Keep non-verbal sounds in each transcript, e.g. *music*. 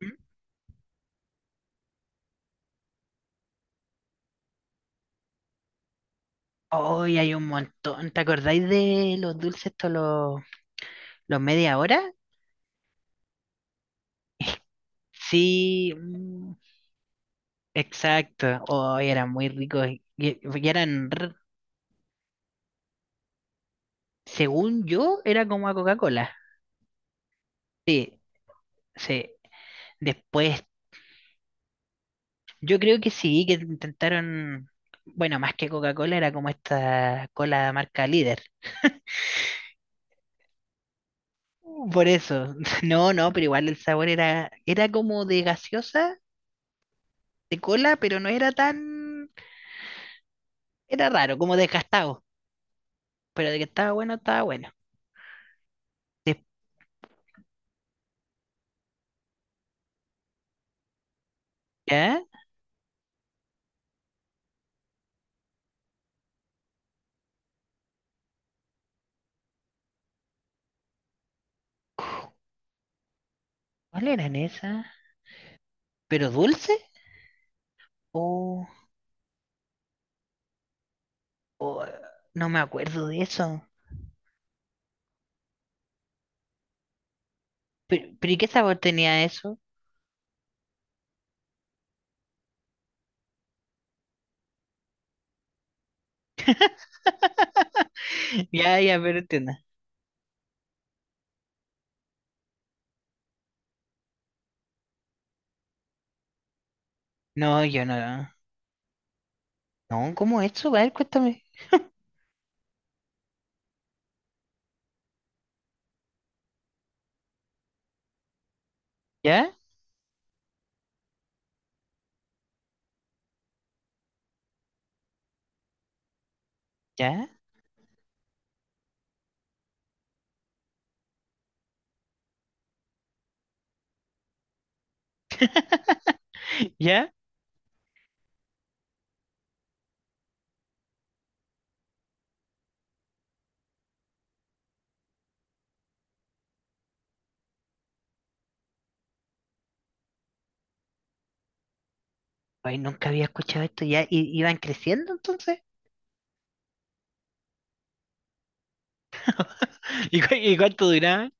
¿Mm? Hoy hay un montón. ¿Te acordáis de los dulces, estos, los media hora? Sí, exacto. Hoy eran muy ricos. Y eran, r- según yo, era como a Coca-Cola. Sí, sí. Después, yo creo que sí, que intentaron, bueno, más que Coca-Cola, era como esta cola marca líder. Por eso. *laughs* No, no, pero igual el sabor era como de gaseosa, de cola, pero no era tan, era raro, como desgastado. Pero de que estaba bueno, estaba bueno. ¿Ya? ¿Cuál eran esas? ¿Pero dulce? O, o, eh, no me acuerdo de eso. ¿Pero y qué sabor tenía eso? *laughs* Ya, ya, pero entiendo. No, yo no. No, ¿cómo eso? A ver, cuéntame. ¿Ya? ¿Ya? *laughs* ¿Ya? Ay, nunca había escuchado esto. ¿Ya? ¿Y iban creciendo entonces? *laughs* ¿Y cu- y cuánto duraba?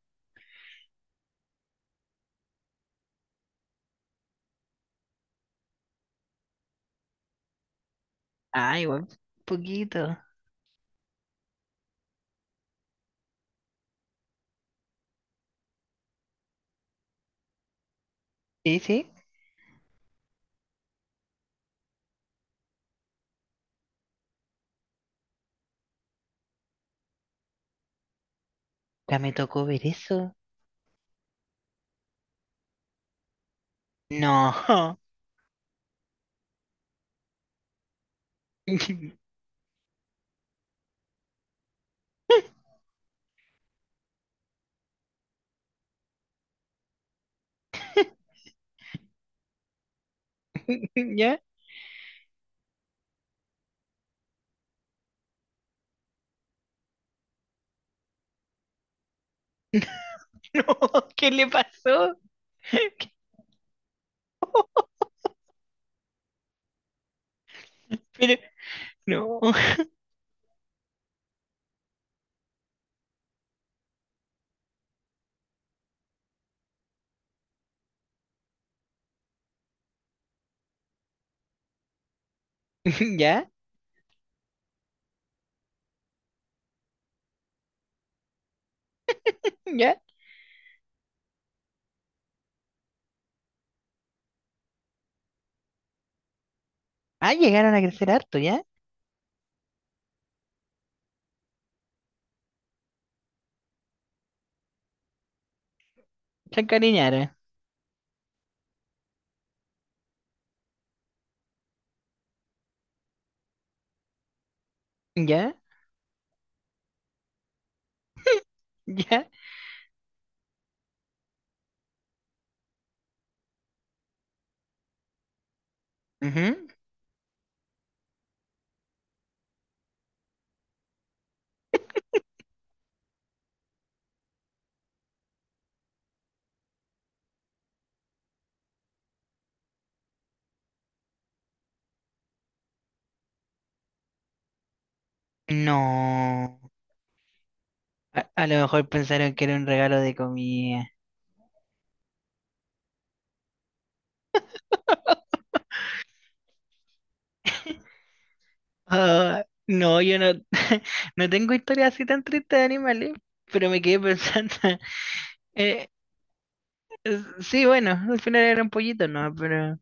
Ah, igual, poquito. Sí, sí, ya me tocó ver eso. No. *laughs* ¿Ya? No, ¿qué le pasó? *laughs* ¿Qué? Pero, no. *laughs* ¿Ya? ¿Ya? Ah, llegaron a crecer harto, ¿ya? Se encariñaron. ¿Ya? ¿Ya? Ujú. No. A lo mejor pensaron que era un regalo de comida. Ah, no, yo no, *laughs* no tengo historias así tan tristes de animales, pero me quedé pensando. *laughs* eh, Sí, bueno, al final era un pollito, ¿no? Pero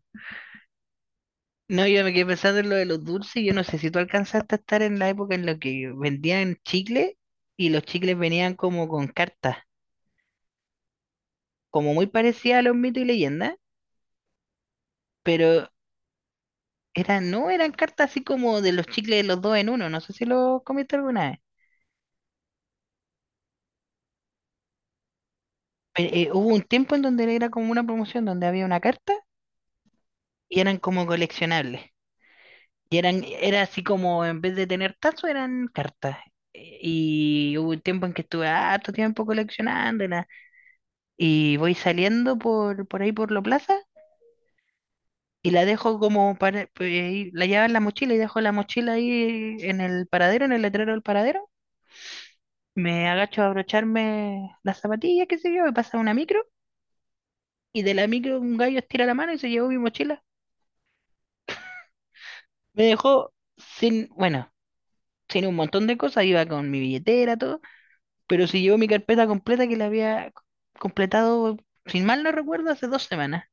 no, yo me quedé pensando en lo de los dulces. Y yo no sé si tú alcanzaste a estar en la época en la que vendían chicles y los chicles venían como con cartas, como muy parecidas a los mitos y leyendas, pero eran, no eran cartas así como de los chicles de los dos en uno. No sé si lo comiste alguna vez. Pero, hubo un tiempo en donde era como una promoción donde había una carta y eran como coleccionables. Y eran, era así como, en vez de tener tazos, eran cartas. Y hubo un tiempo en que estuve harto tiempo coleccionándola. Y voy saliendo por ahí por la plaza y la dejo como para, pues, ahí, la llevo en la mochila y dejo la mochila ahí en el paradero, en el letrero del paradero. Me agacho a abrocharme las zapatillas, qué sé yo, me pasa una micro y de la micro un gallo estira la mano y se llevó mi mochila. Me dejó sin, bueno, sin un montón de cosas, iba con mi billetera, todo, pero si llevo mi carpeta completa que la había completado, sin mal no recuerdo, hace 2 semanas.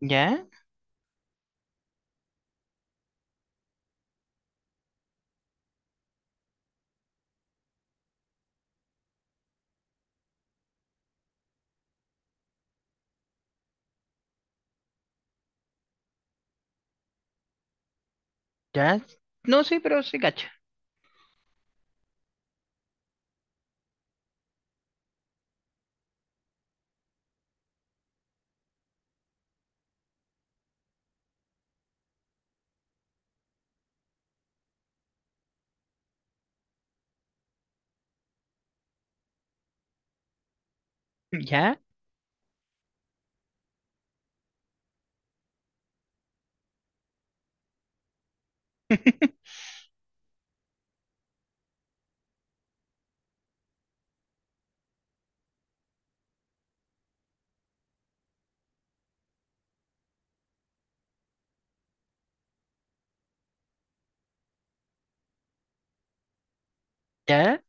¿Ya? ¿Ya? No, sí, pero se cacha. ¿Ya? *laughs* ¿Ya?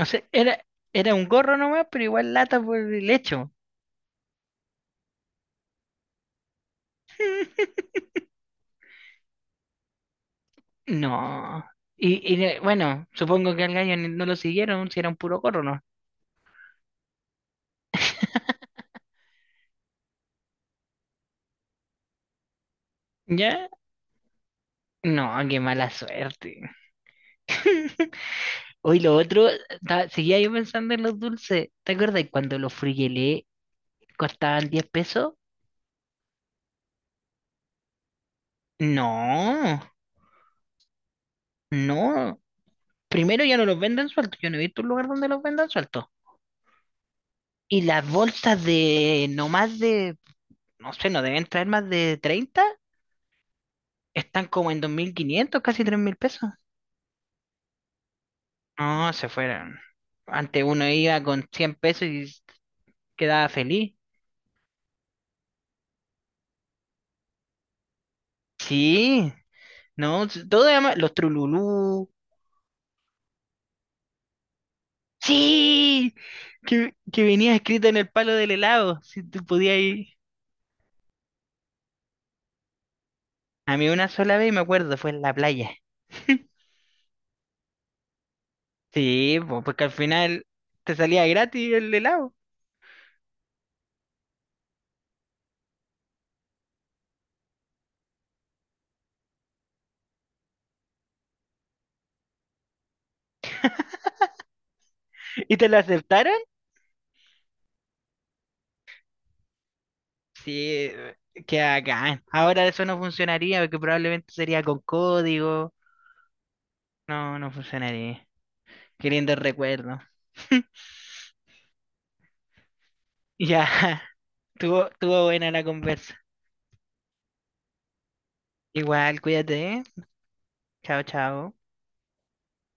O sea, era, era un gorro nomás, pero igual lata por el hecho. *laughs* No. Bueno, supongo que al gallo ni- no lo siguieron, si era un puro gorro, ¿no? ¿Ya? No, qué mala suerte. *laughs* Hoy lo otro, ta- seguía yo pensando en los dulces. ¿Te acuerdas cuando los frigelé costaban 10 pesos? No, no. Primero ya no los venden sueltos. Yo no he visto un lugar donde los vendan sueltos. Y las bolsas de no más de, no sé, no deben traer más de 30. Están como en 2.500, casi 3.000 pesos. No, se fueron. Antes uno iba con 100 pesos y s- quedaba feliz. Sí, no, s- todo además, los trululú. Sí, que venía escrito en el palo del helado, si tú podías ir. A mí una sola vez me acuerdo, fue en la playa. *laughs* Sí, po, porque al final te salía gratis el helado. ¿Y te lo aceptaron? Sí, que acá. Ahora eso no funcionaría porque probablemente sería con código. No, no funcionaría. Qué lindo recuerdo. *laughs* Ya, tuvo, tuvo buena la conversa. Igual, cuídate, ¿eh? Chao, chao.